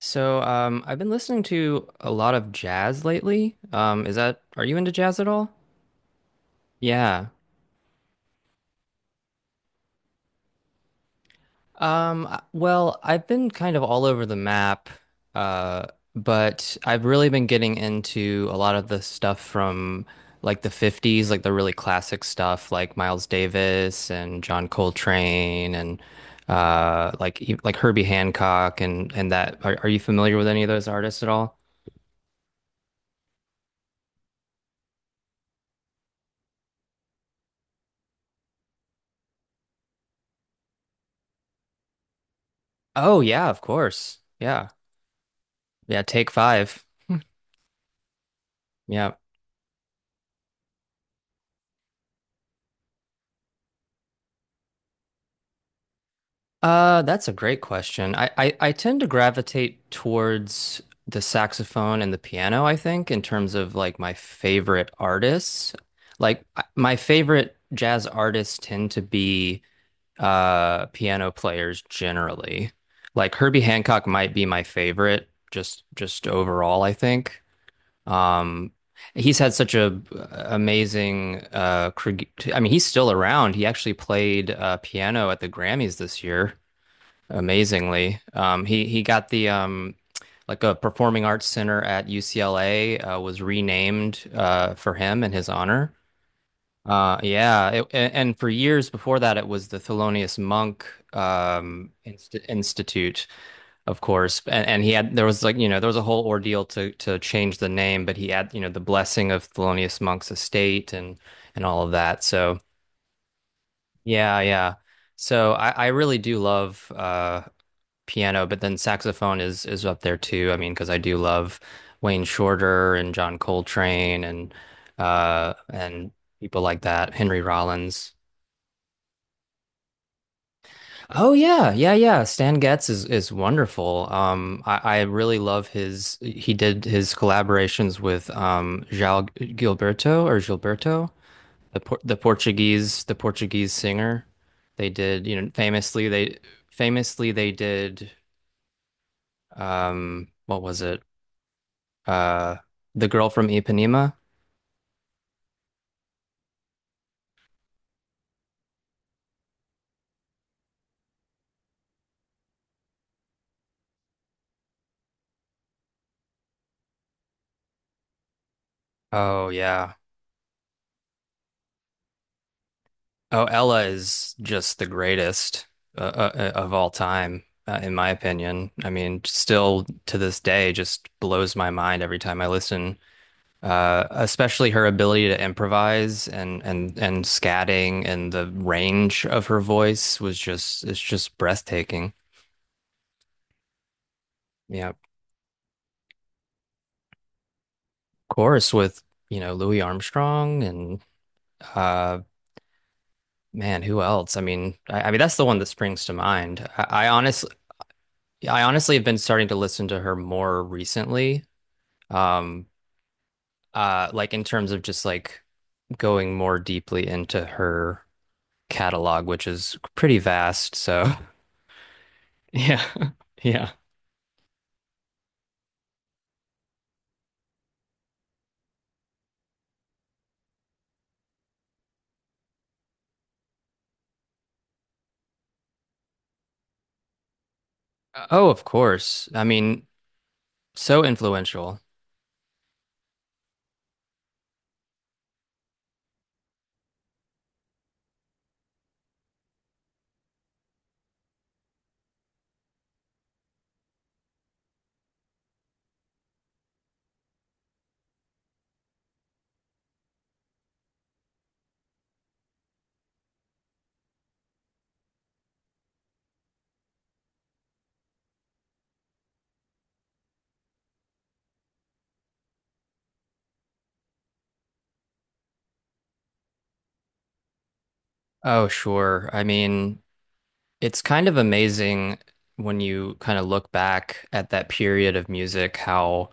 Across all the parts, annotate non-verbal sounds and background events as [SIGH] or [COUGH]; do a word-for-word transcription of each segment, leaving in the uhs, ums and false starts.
So, um, I've been listening to a lot of jazz lately. Um, is that, are you into jazz at all? Yeah. Um, I- well, I've been kind of all over the map, uh, but I've really been getting into a lot of the stuff from like the fifties, like the really classic stuff like Miles Davis and John Coltrane and uh like e- like Herbie Hancock and and that. Are, are you familiar with any of those artists at all? Oh yeah, of course. Yeah. Yeah, Take Five. Yeah. Uh, that's a great question. I, I, I tend to gravitate towards the saxophone and the piano, I think, in terms of like my favorite artists. Like I- my favorite jazz artists tend to be uh piano players generally. Like Herbie Hancock might be my favorite just just overall, I think. Um he's had such a uh, amazing uh cre- I mean he's still around. He actually played uh piano at the Grammys this year, amazingly. Um, he he got the um, like a performing arts center at U C L A, uh, was renamed, uh, for him in his honor. Uh, yeah, it, a- and for years before that, it was the Thelonious Monk, um, Inst Institute, of course. And, and he had, there was like you know there was a whole ordeal to to change the name, but he had you know the blessing of Thelonious Monk's estate and and all of that. So yeah, yeah. So I, I really do love uh, piano, but then saxophone is is up there too. I mean, because I do love Wayne Shorter and John Coltrane and uh and people like that, Henry Rollins. Oh yeah, yeah, yeah. Stan Getz is is wonderful. Um, I, I really love his. He did his collaborations with um João Gilberto or Gilberto, the por the Portuguese, the Portuguese singer. They did, you know, famously they famously they did, um what was it? Uh, the girl from Ipanema. Oh yeah. Oh, Ella is just the greatest, uh, uh, of all time, uh, in my opinion. I mean, still to this day, just blows my mind every time I listen. Uh, especially her ability to improvise and and and scatting, and the range of her voice was just, it's just breathtaking. Yeah, of course with you know Louis Armstrong and, uh, man, who else? I mean, I, I mean that's the one that springs to mind. I, I honestly, I honestly have been starting to listen to her more recently. Um, uh, like in terms of just like going more deeply into her catalog, which is pretty vast. So [LAUGHS] yeah, [LAUGHS] yeah. Uh, Oh, of course. I mean, so influential. Oh, sure. I mean, it's kind of amazing when you kind of look back at that period of music, how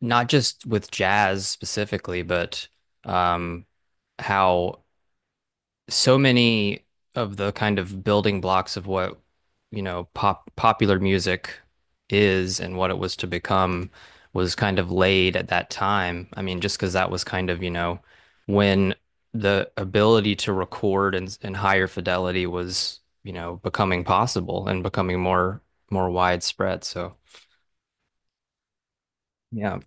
not just with jazz specifically, but, um, how so many of the kind of building blocks of what, you know, pop popular music is and what it was to become was kind of laid at that time. I mean, just because that was kind of, you know, when the ability to record in, in higher fidelity was, you know, becoming possible and becoming more more widespread. So, yeah,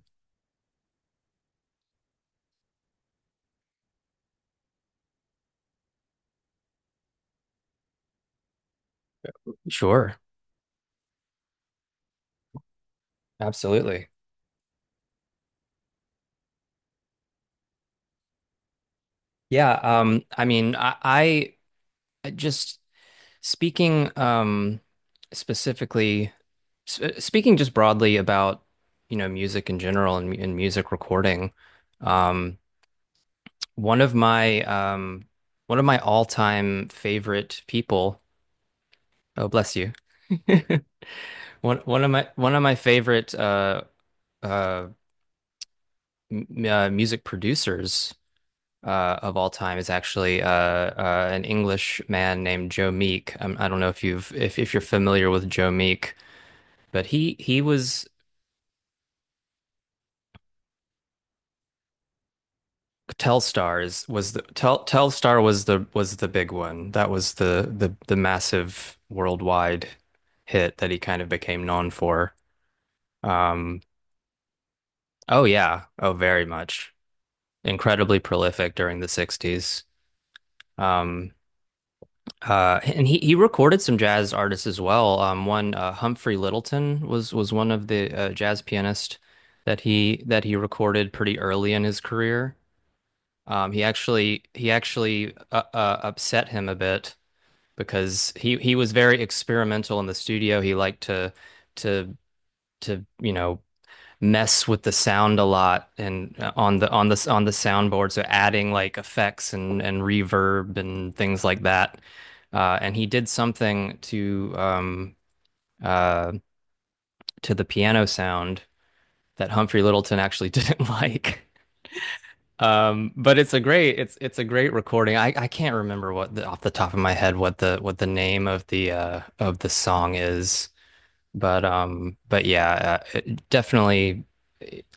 sure. Absolutely. Yeah, um, I mean, I, I just speaking, um, specifically, sp speaking just broadly about, you know, music in general and, mu- and music recording. Um, one of my, um, one of my all-time favorite people. Oh, bless you. [LAUGHS] One one of my one of my favorite, uh, uh, m uh, music producers, uh, of all time is actually, uh, uh, an English man named Joe Meek. Um, I don't know if you've if, if you're familiar with Joe Meek, but he he was, Telstars was the Tel, Telstar was the was the big one. That was the the the massive worldwide hit that he kind of became known for. Um, oh yeah, oh very much. Incredibly prolific during the sixties. Um, Uh, and he, he recorded some jazz artists as well. Um, one, uh, Humphrey Littleton was was one of the, uh, jazz pianist that he that he recorded pretty early in his career. Um, he actually he actually uh, uh, upset him a bit because he he was very experimental in the studio. He liked to to to you know mess with the sound a lot and, uh, on the on the on the soundboard, so adding like effects and and reverb and things like that uh and he did something to um uh to the piano sound that Humphrey Littleton actually [LAUGHS] didn't like, um but it's a great, it's it's a great recording. I I can't remember what the, off the top of my head, what the, what the name of the, uh of the song is. But um, but yeah, uh, it definitely,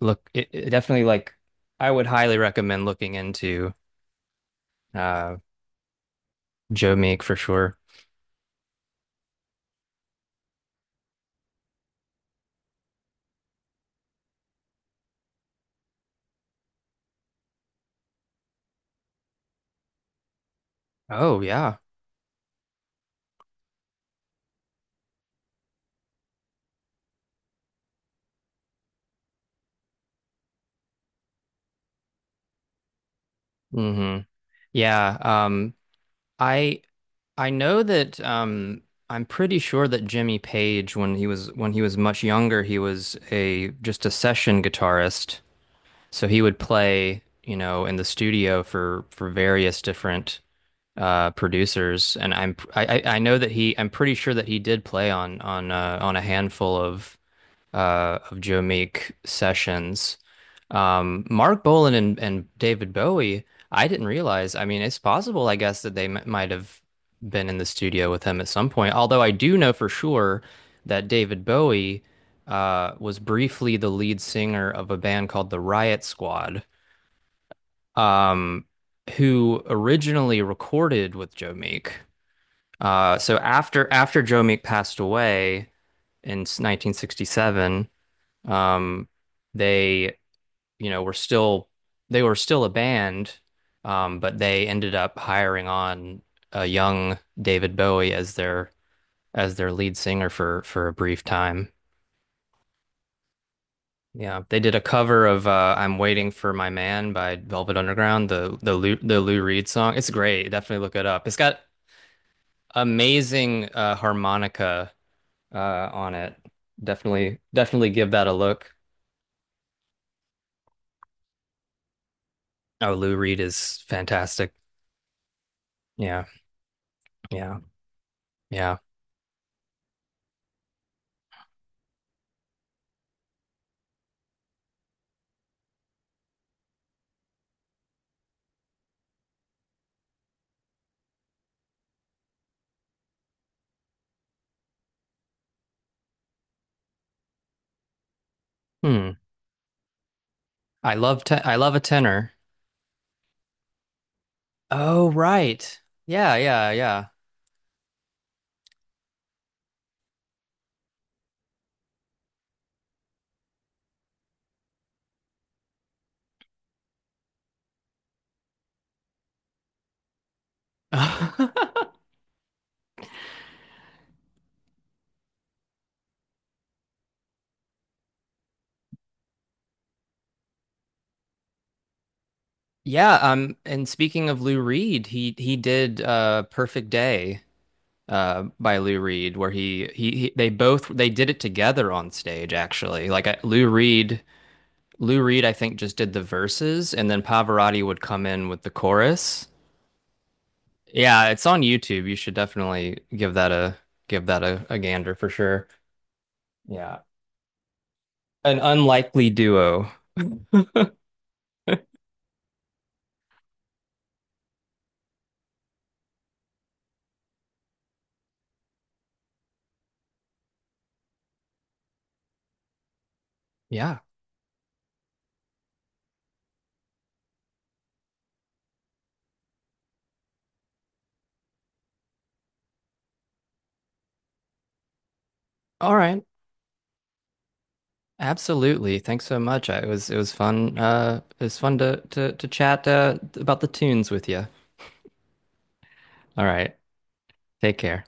look. It, it definitely like, I would highly recommend looking into, uh Joe Meek for sure. Oh yeah, hmm yeah. Um, I I know that um. I'm pretty sure that Jimmy Page, when he was when he was much younger, he was a just a session guitarist. So he would play, you know, in the studio for for various different uh producers, and I'm I I know that he I'm pretty sure that he did play on on uh, on a handful of, uh of Joe Meek sessions. Um Mark Bolan and and David Bowie, I didn't realize. I mean, it's possible I guess that they m might have been in the studio with him at some point. Although I do know for sure that David Bowie, uh was briefly the lead singer of a band called the Riot Squad. Um who originally recorded with Joe Meek. Uh, so after after Joe Meek passed away in nineteen sixty-seven, um, they you know were still, they were still a band, um, but they ended up hiring on a young David Bowie as their, as their lead singer for for a brief time. Yeah, they did a cover of, uh, "I'm Waiting for My Man" by Velvet Underground, the the Lou, the Lou Reed song. It's great. Definitely look it up. It's got amazing, uh, harmonica, uh, on it. Definitely, definitely give that a look. Oh, Lou Reed is fantastic. Yeah, yeah, yeah. Hmm. I love te- I love a tenor. Oh, right. Yeah, yeah, yeah. [LAUGHS] Yeah, um, and speaking of Lou Reed, he he did uh Perfect Day uh by Lou Reed, where he he, he they both, they did it together on stage actually. Like I, Lou Reed Lou Reed I think just did the verses and then Pavarotti would come in with the chorus. Yeah, it's on YouTube. You should definitely give that a, give that a, a gander for sure. Yeah. An unlikely duo. Yeah. All right. Absolutely. Thanks so much. I- It was it was fun. Uh, it was fun to to to chat, uh, about the tunes with you. All right. Take care.